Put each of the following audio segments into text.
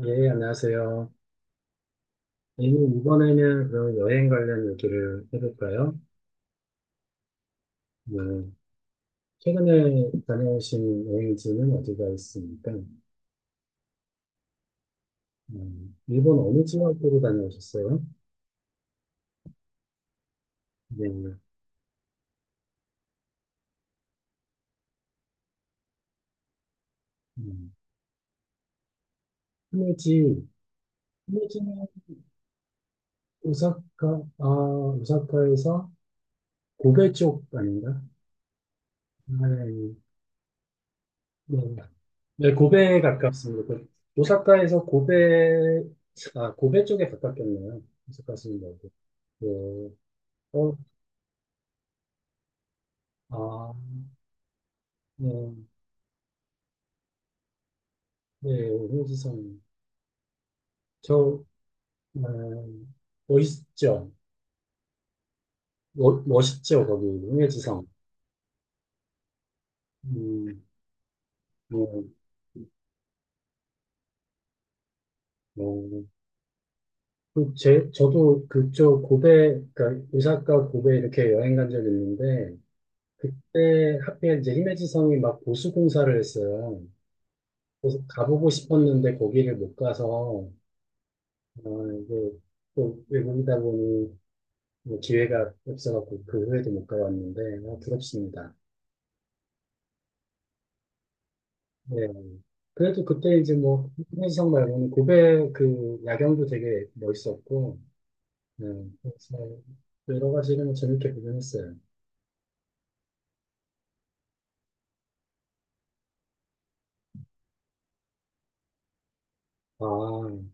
예, 안녕하세요. A님, 이번에는 그럼 여행 관련 얘기를 해볼까요? 네. 최근에 다녀오신 여행지는 어디가 있습니까? 일본 어느 지역으로 다녀오셨어요? 네. 음, 히메지, 히메지는 오사카, 아, 오사카에서 고베 쪽 아닌가? 아, 네. 네, 네, 고베에 가깝습니다. 그 오사카에서 고베, 아, 고베 쪽에 가깝겠네요. 오사카시는 말고. 네. 어, 아, 네, 네, 홍지성. 저, 음, 멋있죠? 멋있죠, 거기, 홍지성. 음, 뭐, 뭐, 그 제, 저도 그쪽 고베, 그러니까 오사카 고베 이렇게 여행 간 적이 있는데, 그때 하필 이제 히메지성이 막 보수 공사를 했어요. 그래서 가보고 싶었는데 거기를 못 가서, 아, 이게 또 외국이다 보니 뭐 기회가 없어갖고 그 후에도 못 가봤는데 아, 부럽습니다. 네. 그래도 그때 이제 뭐 한희석 말고는 고베 그 야경도 되게 멋있었고 네. 그래서 여러 가지를 뭐 재밌게 구경했어요. 아,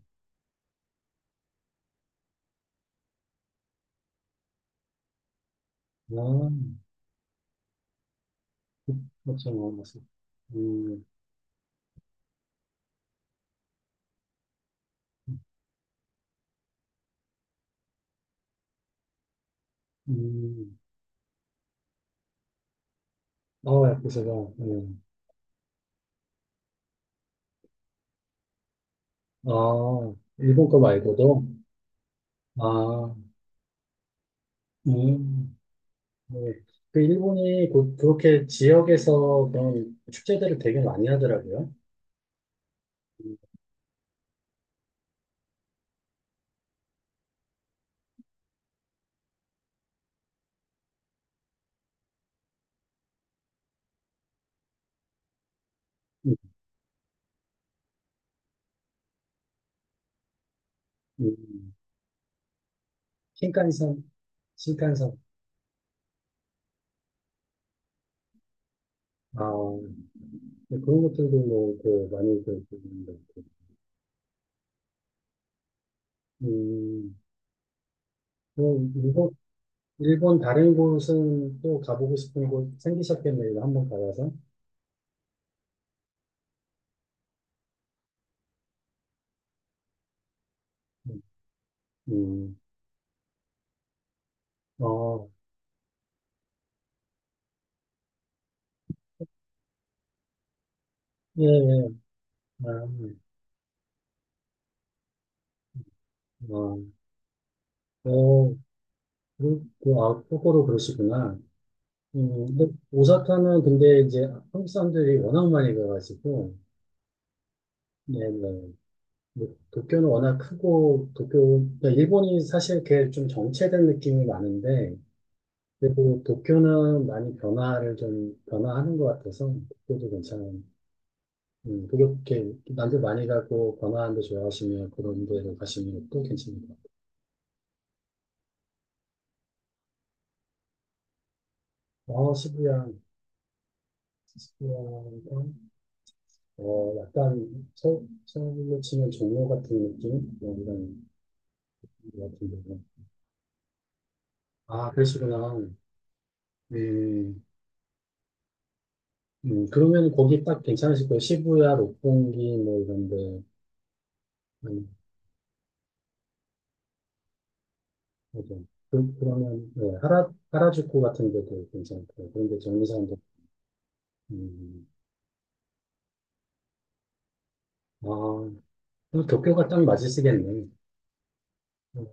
아, 그렇죠. 뭐, 음, 음. 아, 그래서가, 음. 아, 일본 거 말고도, 아, 음. 네. 그 일본이 그, 그렇게 지역에서 그런 축제들을 되게 많이 하더라고요. 음, 음. 신칸센, 신칸센. 아, 네, 그런 것들도 뭐, 그, 많이 그, 그, 그, 음, 뭐, 일본, 일본 다른 곳은 또 가보고 싶은 곳 생기셨겠네요. 이거 한번 가봐서. 음, 음. 어, 예, 예. 아, 어, 어, 그, 그, 아, 거꾸로 그러시구나. 근데 오사카는 근데 이제 한국 사람들이 워낙 많이 가가지고, 네, 네. 뭐, 도쿄는 워낙 크고, 도쿄, 그러니까 일본이 사실 걔 좀 정체된 느낌이 많은데, 그리도 도쿄는 많이 변화를 좀, 변화하는 것 같아서, 도쿄도 괜찮은, 도쿄, 이렇게, 남들 많이 가고, 변화하는 데 좋아하시면 그런 데로 가시면 또 괜찮습니다아 어, 시부야, 시부야가, 어, 약간, 서, 서울로 치면 종로 같은 느낌? 뭐 이런, 것 같은데. 아, 그러시구나. 음. 그러면 거기 딱 괜찮으실 거예요. 시부야, 로pongi 뭐 이런데. 음, 맞아요. 그, 그러면 네, 하라 하라주쿠 같은 데도 괜찮고요. 그런데 정리산도. 음, 아 그럼 도쿄가 딱 맞으시겠네. 음,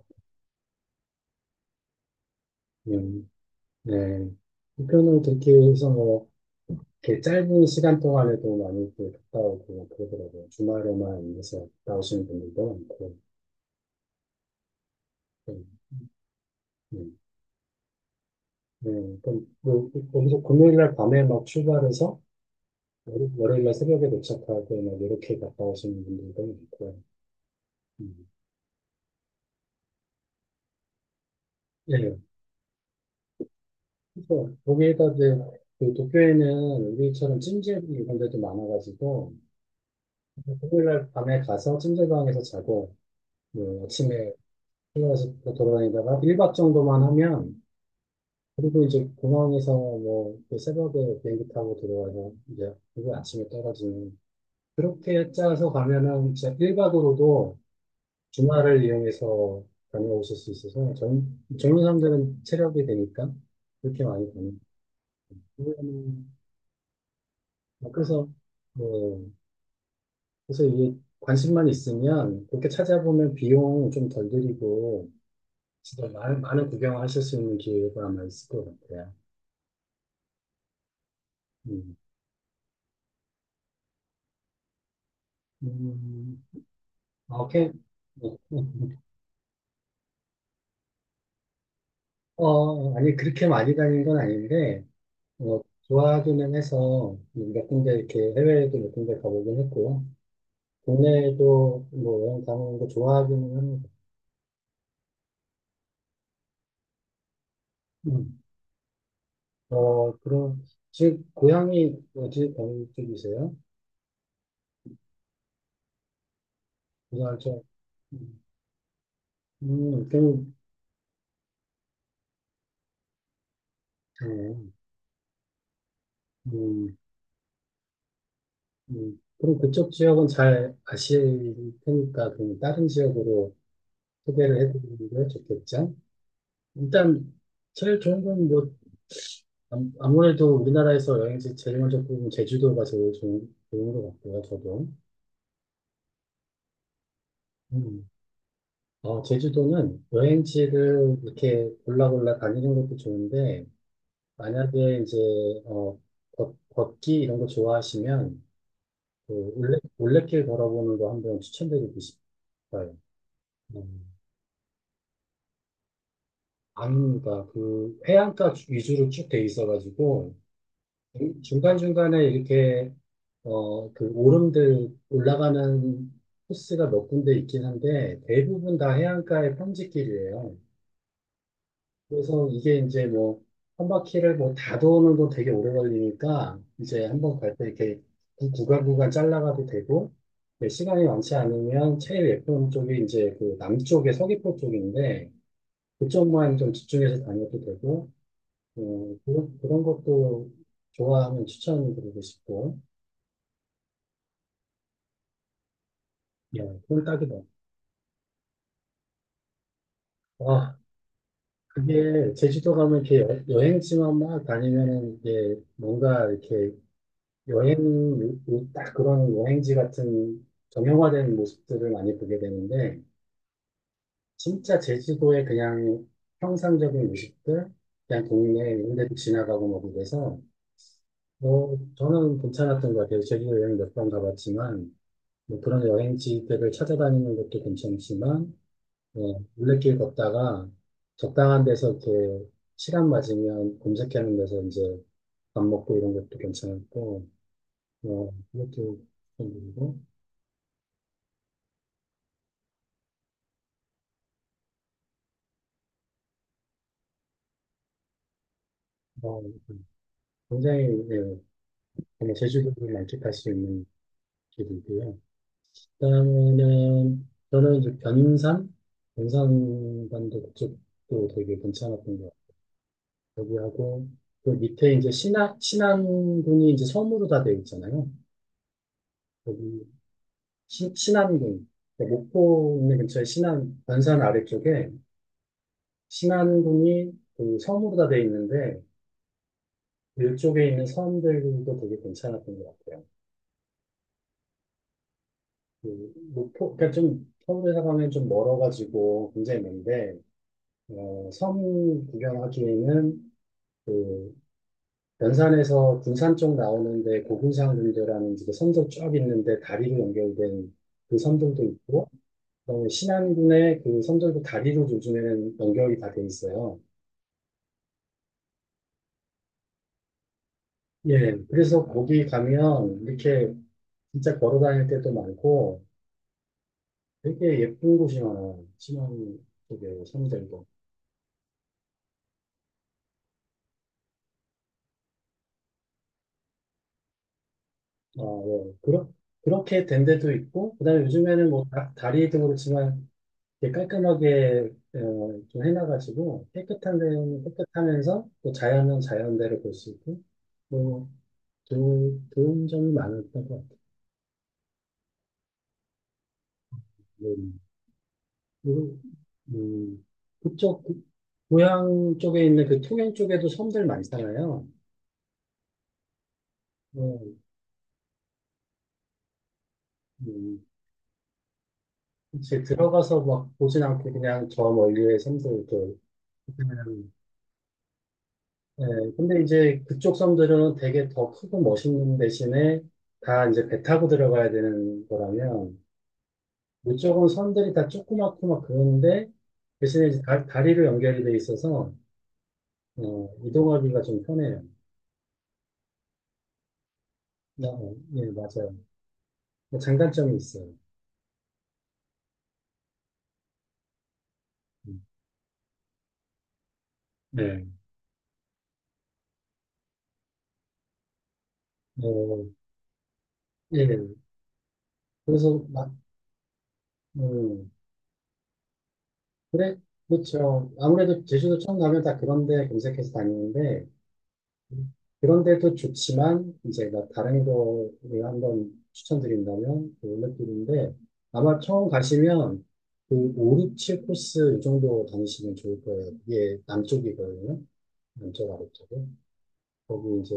음, 네. 도쿄는 그렇게 해서 뭐 이렇게 짧은 시간 동안에도 많이 이렇게 갔다 오고 그러더라고요. 주말에만 해서 갔다 오시는 분들도 많고. 네, 네. 네, 그럼 뭐, 거기서 금요일 날 밤에 막 출발해서 월요일날 새벽에 도착하고 막 이렇게 갔다 오시는 분들도 있고요. 음. 예. 그래서 거기에다 이제 그 도쿄에는 우리처럼 찜질 이런 데도 많아가지고 금요일날 밤에 가서 찜질방에서 자고 뭐 아침에 일어나서 돌아다니다가 1박 정도만 하면 그리고 이제 공항에서 뭐그 새벽에 비행기 타고 들어가서 이제 그리고 아침에 떨어지는 그렇게 짜서 가면은 진짜 1박으로도 주말을 이용해서 다녀오실 수 있어서 전, 젊은 사람들은 체력이 되니까 그렇게 많이 다니고 음, 그래서 뭐 그래서 이 관심만 있으면 그렇게 찾아보면 비용 좀 덜 들이고 진짜 많은, 많은 구경하실 수 있는 기회가 아마 있을 것 같아요. 음. 음, 아, 오케이. 어, 아니, 그렇게 많이 다닌 건 아닌데, 어, 좋아하기는 해서 몇 군데 이렇게 해외에도 몇 군데 가보긴 했고요. 국내에도 뭐 여행 다니는 거 좋아하기는 합니다. 음. 어, 그럼, 지금 고향이 어디, 어느 쪽이세요? 고향쪽. 음. 그럼, 음, 음, 그럼 그쪽 지역은 잘 아실 테니까, 그럼 다른 지역으로 소개를 해드리는 게 좋겠죠? 일단, 제일 좋은 건 뭐, 아무래도 우리나라에서 여행지 제일 먼저 보으면 제주도가 제일 좋은, 좋은 것 같고요, 저도. 음. 어, 제주도는 여행지를 이렇게 골라 골라 다니는 것도 좋은데, 만약에 이제, 어, 걷기 이런 거 좋아하시면, 그 올레, 올레길 걸어보는 거 한번 추천드리고 싶어요. 음, 안무가 그 해안가 위주로 쭉 돼 있어가지고, 중간중간에 이렇게, 어, 그 오름들 올라가는 코스가 몇 군데 있긴 한데, 대부분 다 해안가의 평지길이에요. 그래서 이게 이제 뭐, 한 바퀴를 뭐 다 도는 건 되게 오래 걸리니까, 이제 한번 갈 때 이렇게 구간 구간 잘라가도 되고, 이제 시간이 많지 않으면 제일 예쁜 쪽이 이제 그 남쪽의 서귀포 쪽인데, 그쪽만 좀 집중해서 다녀도 되고, 어, 그런, 그런 것도 좋아하면 추천드리고 싶고, 예, 그건 딱이다. 아, 그게 제주도 가면 이렇게 여행지만 막 다니면은 이게 뭔가 이렇게 여행이 딱 그런 여행지 같은 정형화된 모습들을 많이 보게 되는데 진짜 제주도의 그냥 평상적인 모습들 그냥 동네 이런 데도 지나가고 뭐 그래서 뭐 저는 괜찮았던 것 같아요. 제주도 여행 몇 번 가봤지만 뭐 그런 여행지들을 찾아다니는 것도 괜찮지만 어, 물레길 걷다가 적당한 데서 이렇게 시간 맞으면 검색하는 데서 이제 밥 먹고 이런 것도 괜찮았고 어, 그것도 괜찮고 어, 굉장히 네, 정말 제주도를 만끽할 수 있는 길이고요. 그다음에는 저는 이제 변산, 변산반도 쪽도 되게 괜찮았던 것 같아요. 거기하고 그 밑에 이제 신안 신안군이 이제 섬으로 다 되어 있잖아요. 거기 신안군 그러니까 목포 근처에 신안 변산 아래쪽에 신안군이 그 섬으로 다 되어 있는데 이쪽에 있는 섬들도 되게 괜찮았던 것 같아요. 그 목포, 그러니까 좀 서울에서 가면 좀 멀어가지고 굉장히 먼데, 어, 섬 구경하기에는 그 연산에서 군산 쪽 나오는데 고군산군대라는 이제 섬도 쫙 있는데 다리로 연결된 그 섬들도 있고, 그다음에 신안군의 그 섬들도 다리로 요즘에는 연결이 다 돼 있어요. 예, 그래서 거기 가면 이렇게 진짜 걸어 다닐 때도 많고 되게 예쁜 곳이 많아요. 신안 쪽에 섬들도. 아, 예. 그렇, 그렇게 된 데도 있고, 그다음에 요즘에는 뭐 다, 다리도 그렇지만 이렇게 깔끔하게 어, 좀 해놔가지고 깨끗한 데는 깨끗하면서 또 자연은 자연대로 볼 수 있고, 뭐 좋은, 좋은 점이 많았던 것 같아요. 네. 그리고 음, 그쪽 그- 고향 쪽에 있는 그 통영 쪽에도 섬들 많잖아요. 뭐, 음, 이제 들어가서 막 보진 않고 그냥 저 멀리의 섬들 그 네, 근데 이제 그쪽 섬들은 되게 더 크고 멋있는 대신에 다 이제 배 타고 들어가야 되는 거라면 이쪽은 섬들이 다 조그맣고 막 그런데 대신에 이제 다, 다리로 연결이 돼 있어서 어, 이동하기가 좀 편해요. 어, 예, 맞아요. 뭐 장단점이 있어요. 음. 네. 어, 예. 그래서 막, 음, 그래, 그렇죠. 아무래도 제주도 처음 가면 다 그런 데 검색해서 다니는데 그런 데도 좋지만 이제 막 다른 거를 한번 추천드린다면 그 올레길인데 아마 처음 가시면 그 5, 6, 7 코스 이 정도 다니시면 좋을 거예요. 이게 남쪽이거든요. 남쪽 아래쪽에. 거기 이제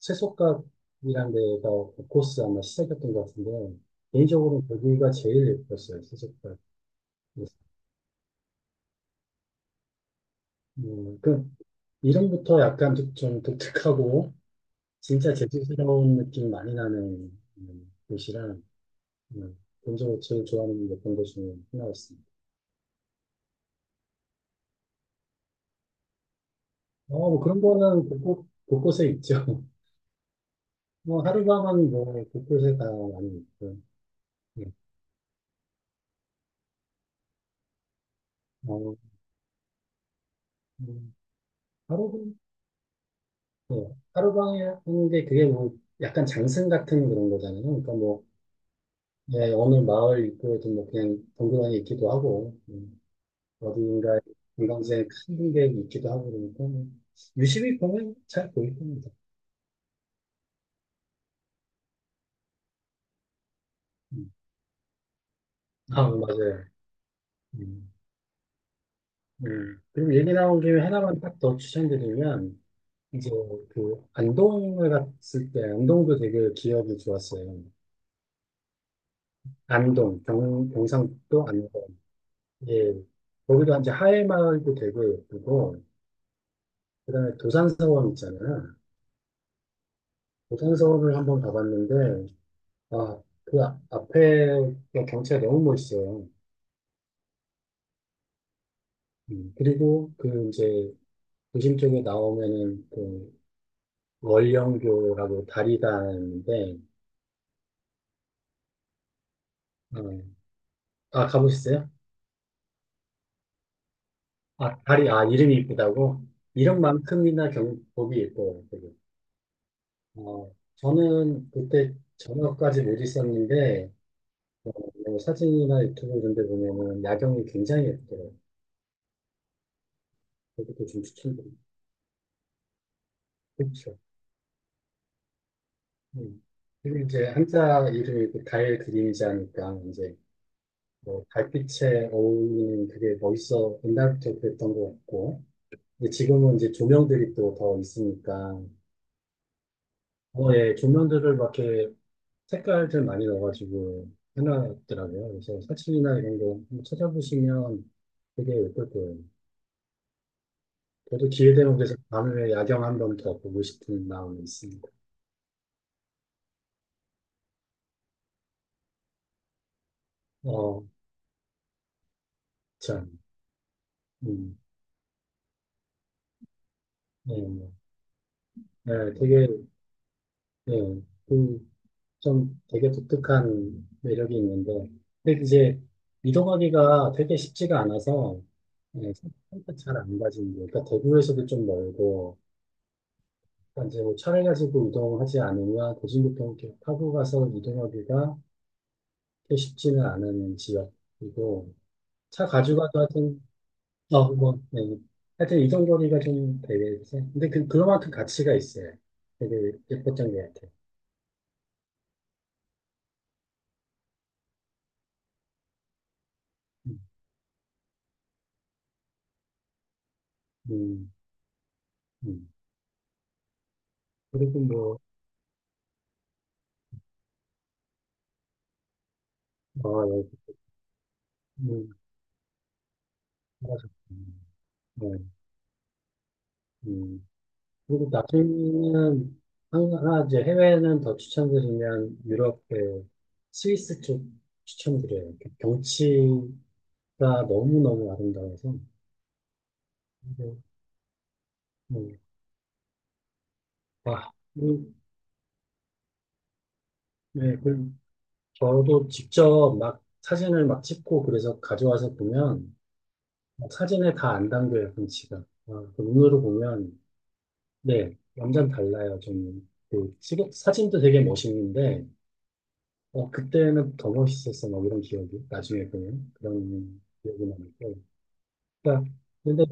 세속각이라는 데가 그 코스 아마 시작했던 것 같은데 개인적으로 거기가 제일 예뻤어요. 세속각. 그 이름부터 약간 좀 독특하고 진짜 제주스러운 느낌이 많이 나는 곳이랑 음, 개인적으로 제일 좋아하는 몇번 곳 중에 하나였습니다. 어, 뭐 그런 거는 곳곳, 곳곳에 있죠. 뭐 하룻밤은 뭐 곳곳에 다 많이 있고 예. 어, 음, 하루, 예. 하룻밤에 하는 게 그게 뭐 약간 장승 같은 그런 거잖아요. 그러니까 뭐 예, 어느 마을 입구에도 뭐 그냥 덩그러니 있기도 하고 어딘가에 관광지에 큰 게 있기도 하고 그러니까 뭐 유심히 보면 잘 보일 겁니다. 음. 아, 맞아요. 음. 음. 그리고 얘기 나온 김에 하나만 딱 더 추천드리면, 이제 그 안동을 갔을 때, 안동도 되게 기억이 좋았어요. 안동, 경상북도 안동. 예. 거기도 이제 하회마을도 되게 예쁘고, 그다음에 도산서원 있잖아요. 도산서원을 한번 가봤는데, 아, 그 아- 앞에 그 경치가 너무 멋있어요. 음. 그리고 그 이제 도심 쪽에 나오면은 그 월령교라고 다리가 있는데, 음. 아, 가보셨어요? 아, 다리, 아, 이름이 이쁘다고? 이름만큼이나 경복이 예뻐요, 되게. 어, 저는 그때 저녁까지 못 있었는데, 어, 뭐 사진이나 유튜브 이런 데 보면은 야경이 굉장히 예쁘더라고요. 그것도 좀 추천드립니다. 그렇죠. 음. 그리고 이제 한자 이름이 그 달 그림자니까, 이제, 뭐, 달빛에 어울리는 그게 멋있어, 옛날부터 그랬던 것 같고, 근데 지금은 이제 조명들이 또 더 있으니까, 어, 예, 조명들을 막 이렇게 색깔들 많이 넣어가지고 해놨더라고요. 그래서 사진이나 이런 거 한번 찾아보시면 되게 예쁠 거예요. 저도 기회 되면 그래서 밤에 야경 한번 더 보고 싶은 마음이 있습니다. 어, 참, 음, 네, 뭐. 네, 되게, 네, 그, 좀 되게 독특한 매력이 있는데, 근데 이제 이동하기가 되게 쉽지가 않아서, 네, 선택 잘안 가진 거. 그러니까 대구에서도 좀 멀고, 그러니까 이제 뭐 차를 가지고 이동하지 않으면 도심부터 이렇게 타고 가서 이동하기가 그렇게 쉽지는 않은 지역이고 차 가지고 가도 하여튼 어, 뭐, 네. 하여튼 이동 거리가 좀 되겠지. 근데 그 그만큼 가치가 있어요. 되게 예뻤던 것 같아요. 음, 음, 음. 그리고 뭐, 어, 예, 음, 맞아. 네, 음. 그리고 나중에는 한- 하나 이제 해외는 더 추천드리면 유럽 그 스위스 쪽 추천드려요. 그 경치가 너무너무 아름다워서. 그리고 뭐, 아, 음, 네, 그 저도 직접 막 사진을 막 찍고 그래서 가져와서 보면 막 사진에 다 안 담겨요, 경치가. 아, 그 눈으로 보면 네, 완전 달라요. 좀 그, 찍은- 사진도 되게 멋있는데 어, 그때는 더 멋있었어, 막 이런 기억이. 나중에 보면 그런 기억이 나니까. 그러니까, 근데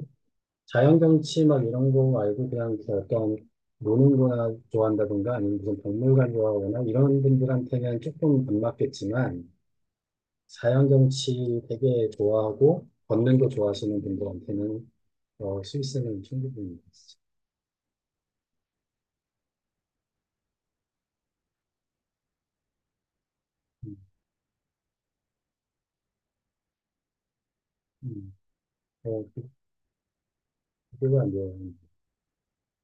자연경치 막 이런 거 말고 그냥 그 어떤 노는 거나 좋아한다든가 아니면 무슨 박물관 좋아하거나 이런 분들한테는 조금 안 맞겠지만 자연경치 되게 좋아하고 걷는 거 좋아하시는 분들한테는 어, 스위스는 충분히 있어. 음, 음. 어, 그- 그거가 안 돼요.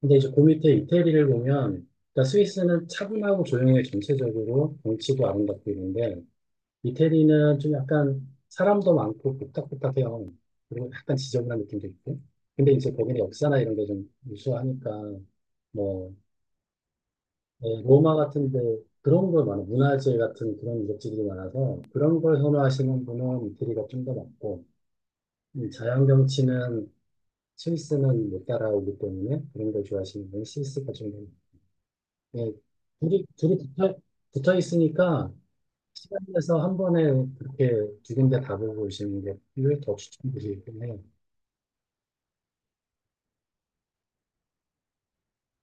근데 이제 그 밑에 이태리를 보면, 그러니까 스위스는 차분하고 조용해 전체적으로 경치도 아름답고 있는데, 이태리는 좀 약간 사람도 많고 복닥복닥해요. 그리고 약간 지저분한 느낌도 있고. 근데 이제 거기는 역사나 이런 게 좀 우수하니까, 뭐, 네, 로마 같은데 그런 걸 많아. 문화재 같은 그런 유적지들이 많아서 그런 걸 선호하시는 분은 이태리가 좀 더 많고, 이 자연 경치는 스위스는 못 따라오기 때문에 그런 걸 좋아하시는 분은 스위스가 좀더 네, 둘이, 둘이 붙어, 붙어 있으니까 시간 내서 한 번에 그렇게 두 군데 가보고 오시는 게 오히려 더 추천드리긴 해요.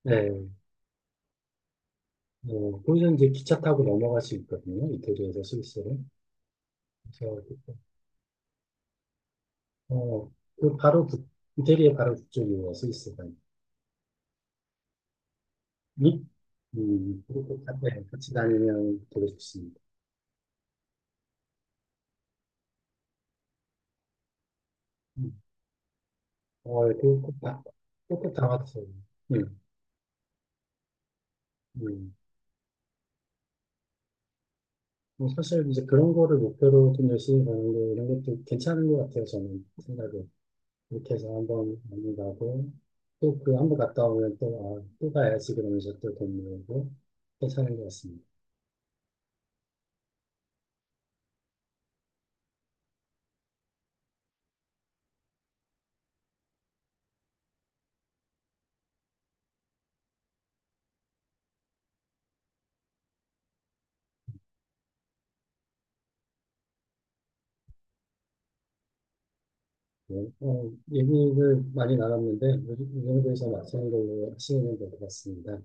네, 어, 거기서 이제 기차 타고 넘어갈 수 있거든요. 이태리에서 스위스로. 그래서, 그, 어, 그 바로 북, 이태리의 바로 북쪽이에요, 스위스가. 음, 그렇게 가- 네, 같이 다니면 되게 좋습니다. 음, 어, 그꼭 다, 꼭다 왔어요. 음, 음. 뭐 사실 이제 그런 거를 목표로 좀 열심히 가는 거 이런 것도 괜찮은 것 같아요. 저는 생각에 이렇게 해서 한번 많이 가고 또 그 한번 갔다 오면 또 아, 또 가야지 그러면서 또 돈 모으고 괜찮은 것 같습니다. 네. 어, 얘기를 많이 나눴는데 이 정도에서 마치는 걸로 하시면 될 것 같습니다.